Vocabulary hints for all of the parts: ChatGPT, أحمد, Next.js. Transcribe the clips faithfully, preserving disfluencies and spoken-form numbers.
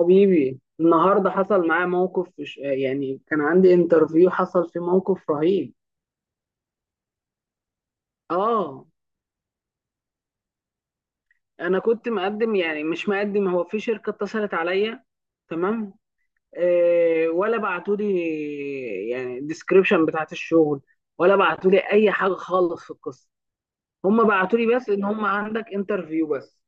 حبيبي النهارده حصل معايا موقف مش- آه، يعني كان عندي انترفيو حصل فيه موقف رهيب. اه، انا كنت مقدم، يعني مش مقدم، هو في شركه اتصلت عليا، تمام. آه، ولا بعتوا لي يعني الديسكريبشن بتاعت الشغل، ولا بعتوا لي اي حاجه خالص في القصه. هم بعتوا لي بس ان هم عندك انترفيو بس.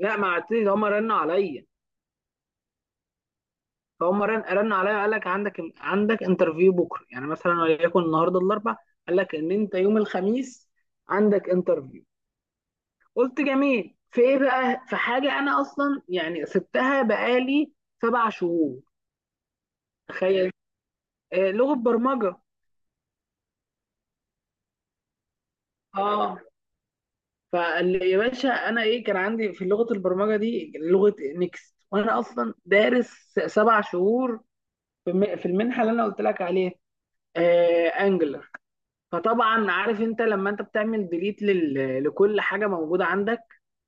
لا، ما بعتوا لي، هم رنوا عليا. فهم رن رن عليا، قال لك عندك عندك انترفيو بكره يعني مثلا وليكن النهارده الاربع. قال لك ان انت يوم الخميس عندك انترفيو. قلت جميل، في ايه بقى؟ في حاجه، انا اصلا يعني سبتها بقالي سبع شهور. تخيل. آه، لغه برمجه. اه، فقال لي يا باشا انا ايه كان عندي في لغه البرمجه دي لغه نيكست، وانا اصلا دارس سبع شهور في الم- في المنحه اللي انا قلت لك عليها، آه، انجلر. فطبعا عارف انت لما انت بتعمل ديليت لل... لكل حاجه موجوده عندك،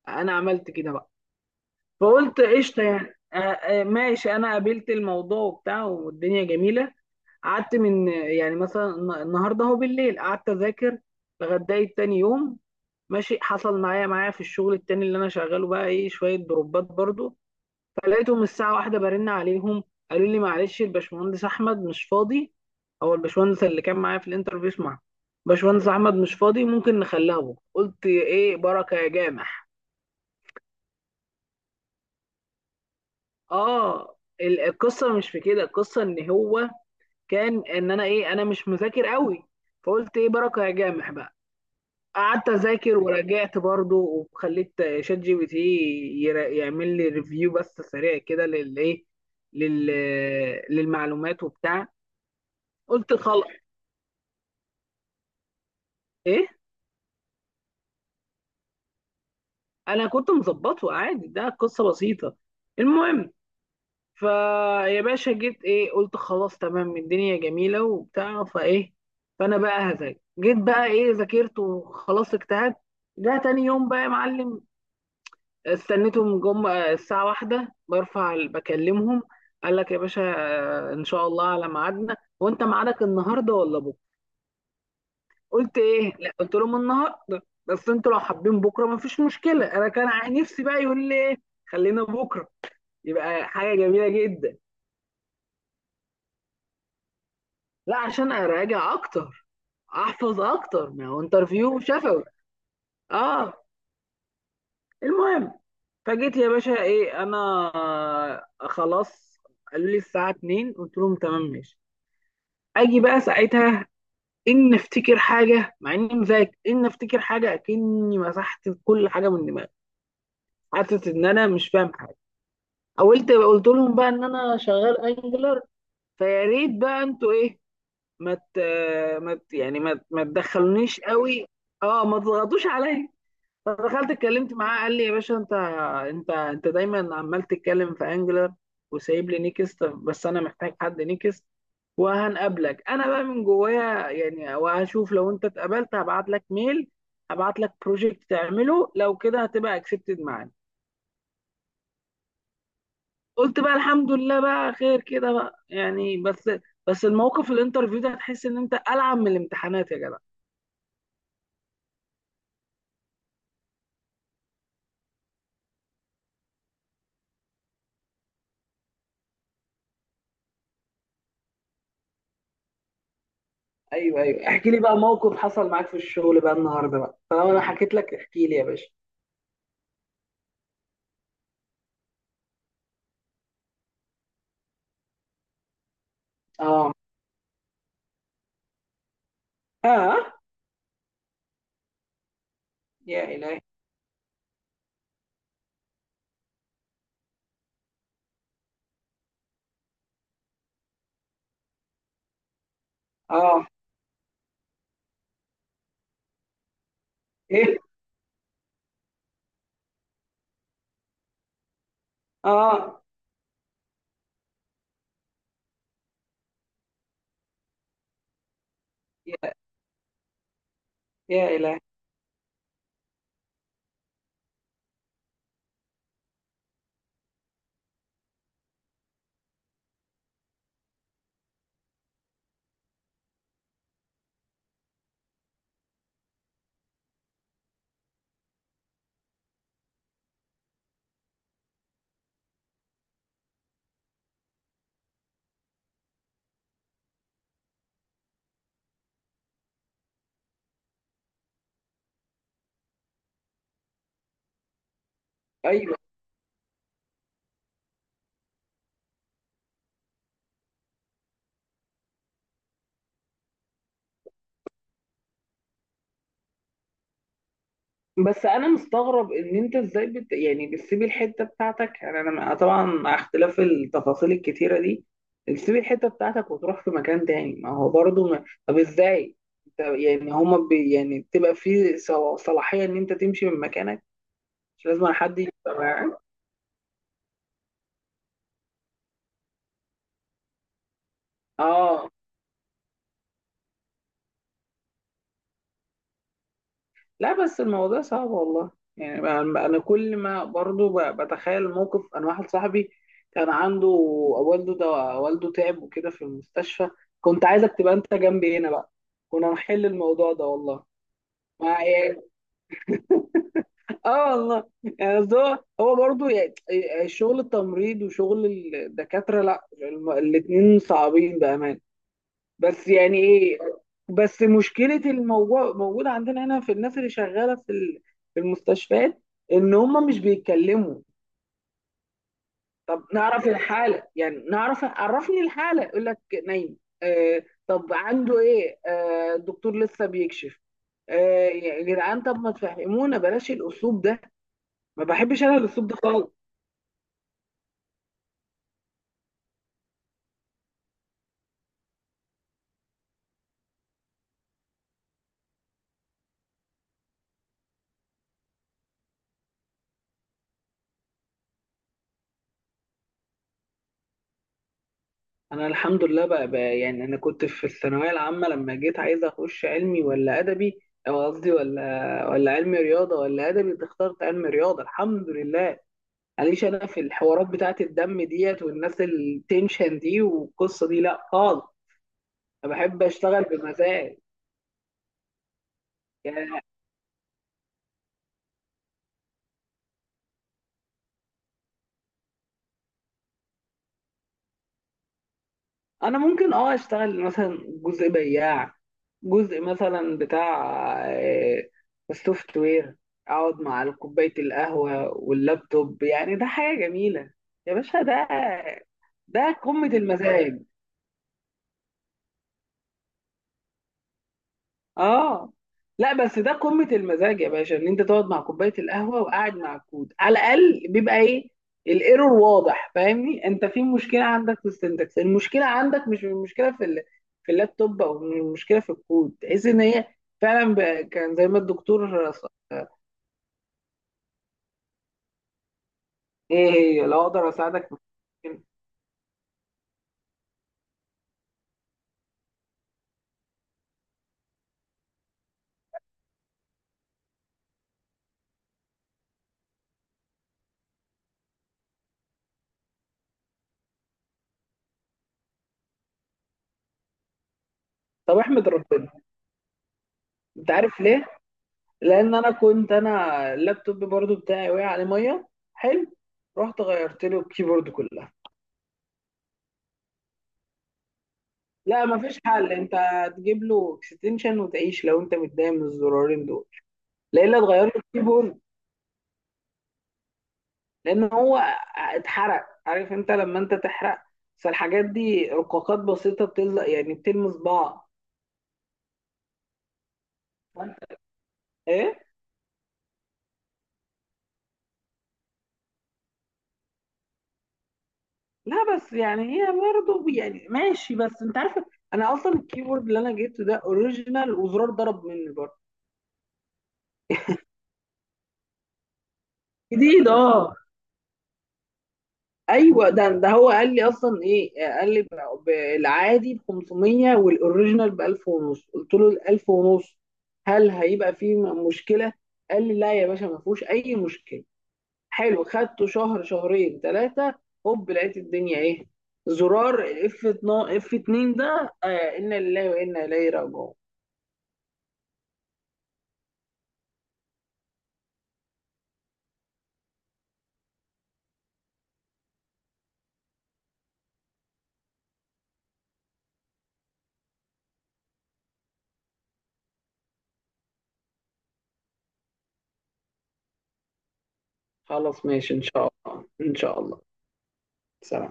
انا عملت كده بقى. فقلت قشطه يعني، آه، آه، ماشي، انا قابلت الموضوع وبتاع والدنيا جميله. قعدت من يعني مثلا الن- النهارده هو بالليل، قعدت اذاكر لغايه تاني يوم. ماشي. حصل معايا معايا في الشغل التاني اللي انا شغاله بقى ايه شويه دروبات برضو، فلقيتهم الساعة واحدة برن عليهم. قالوا لي معلش الباشمهندس أحمد مش فاضي. هو الباشمهندس اللي كان معايا في الانترفيو، اسمع. باشمهندس أحمد مش فاضي، ممكن نخليه بكرة؟ قلت إيه بركة يا جامح. آه، ال- القصة مش في كده، القصة إن هو كان إن أنا إيه، أنا مش مذاكر قوي. فقلت إيه بركة يا جامح بقى. قعدت أذاكر ورجعت برضه، وخليت شات جي بي تي يرا- يعمل لي ريفيو بس سريع كده للإيه، لل... للمعلومات وبتاع. قلت خلاص، ايه، انا كنت مظبطه عادي، ده قصه بسيطه. المهم، فيا باشا جيت ايه، قلت خلاص تمام، الدنيا جميله وبتاع فايه. فانا بقى هذاكر، جيت بقى ايه، ذاكرت وخلاص اجتهدت. ده تاني يوم بقى يا معلم. استنيتهم، جم آه، الساعه واحدة، برفع ال- بكلمهم. قال لك يا باشا، آه، ان شاء الله على ميعادنا، وانت ميعادك النهارده ولا بكره؟ قلت ايه، لا، قلت لهم النهارده، بس انتوا لو حابين بكره مفيش مشكله، انا كان ع- نفسي بقى يقول لي ايه خلينا بكره، يبقى حاجه جميله جدا. لا، عشان اراجع اكتر، احفظ اكتر، ما هو انترفيو شفوي. اه. المهم، فجيت يا باشا ايه انا خلاص، قالوا لي الساعه اتنين، قلت لهم تمام ماشي. اجي بقى ساعتها، ان افتكر حاجه مع اني مذاكر، ان افتكر حاجه اكني مسحت كل حاجه من دماغي، حاسس ان انا مش فاهم حاجه. قلت قلت لهم بقى ان انا شغال انجلر، فيا ريت بقى انتوا ايه ما مت، ما ت- يعني ما ت- ما تدخلونيش قوي. اه، ما تضغطوش عليا. فدخلت اتكلمت معاه، قال لي يا باشا انت، انت انت دايما عمال تتكلم في انجلر، وسايب لي نيكست، بس انا محتاج حد نيكست، وهنقابلك انا بقى من جوايا يعني، وهشوف لو انت اتقبلت هبعت لك ميل، هبعت لك بروجكت تعمله، لو كده هتبقى اكسبتد معانا. قلت بقى الحمد لله بقى، خير كده بقى يعني. بس بس الموقف الانترفيو ده هتحس ان انت ألعب من الامتحانات يا جدع. ايوه ايوه، احكي لي بقى موقف حصل معاك في الشغل بقى النهارده بقى، طالما انا حكيت لك احكي لي يا باشا. اه. اه. يا الهي. اه. ايه. اه. يا يا الهي. ايوه. بس انا مستغرب ان انت ازاي بت... يعني بتسيب الحته بتاعتك، يعني انا مع- طبعا مع اختلاف التفاصيل الكتيره دي بتسيب الحته بتاعتك وتروح في مكان تاني، ما هو برضه ما... طب ازاي انت يعني هما بي... يعني تبقى في صلاحيه ان انت تمشي من مكانك؟ مش لازم حد يبقى معاك؟ اه. لا بس الموضوع صعب والله. يعني انا أنا كل ما برضو ب- بتخيل موقف، انا واحد صاحبي كان عنده والده ده، والده تعب وكده في المستشفى، كنت عايزك تبقى انت جنبي هنا بقى، كنا نحل الموضوع ده والله. مع يعني اه والله. يعني أصل هو هو برضه يعني، آه، شغل التمريض وشغل الدكاترة، لا الم- الاتنين صعبين بأمانة، بس يعني ايه. بس مشكله الموضوع موجوده عندنا هنا في الناس اللي شغاله في ال- في المستشفيات، ان هم مش بيتكلموا. طب نعرف الحاله يعني، نعرف، عرفني الحاله، يقول لك نايم. آه. طب عنده ايه؟ آه، الدكتور لسه بيكشف. آه يا جدعان، طب ما تفهمونا، بلاش الاسلوب ده، ما بحبش انا الاسلوب ده خالص. انا الحمد لله بقى, بقى يعني، انا كنت في الثانويه العامه لما جيت عايز اخش علمي ولا ادبي، او قصدي ولا ولا علمي رياضه ولا ادبي، كنت اخترت علمي رياضه الحمد لله. معليش، انا في الحوارات بتاعت الدم ديت والناس التنشن دي والقصه دي لا خالص، انا بحب اشتغل بمزاج. يعني انا ممكن اه اشتغل مثلا جزء بياع، جزء مثلا بتاع السوفت وير، اقعد مع كوبايه القهوه واللابتوب، يعني ده حاجه جميله يا باشا، ده ده قمه المزاج. اه. لا بس ده قمة المزاج يا باشا ان انت تقعد مع كوباية القهوة وقاعد مع الكود، على الاقل بيبقى ايه، الايرور واضح، فاهمني انت؟ في مشكلة عندك في السنتكس، المشكلة عندك مش المشكلة في ال... في اللابتوب، او المشكلة في الكود، تحس ان هي فعلا ب... كان زي ما الدكتور ص- ايه، هي لو اقدر اساعدك في المشكلة. طب احمد ربنا. انت عارف ليه؟ لان انا كنت، انا اللابتوب برضو بتاعي وقع عليه ميه، حلو، رحت غيرت له الكيبورد كله. لا مفيش حل، انت هتجيب له اكستنشن وتعيش لو انت متضايق من الزرارين دول. لا الا تغير له الكيبورد، لان هو اتحرق. عارف انت لما انت تحرق، فالحاجات دي رقاقات بسيطه بتلزق يعني بتلمس بعض. وانت ايه، لا بس يعني هي برضه يعني ماشي، بس انت عارف، انا اصلا الكيبورد اللي انا جبته ده اوريجينال وزرار ضرب مني برضه جديد. اه. ايوه، ده ده هو قال لي اصلا ايه، قال لي ب- ب- العادي ب خمسمية والاوريجينال ب ألف ونص، قلت له ال الألف ونص هل هيبقى فيه م- مشكله؟ قال لي لا يا باشا ما فيهوش اي مشكله. حلو، خدته شهر شهرين ثلاثه، هوب لقيت الدنيا ايه، زرار اف اتناشر اف اتنين ده، آه، انا لله وانا اليه راجعون. خلاص ماشي ان شاء الله ان شاء الله. سلام.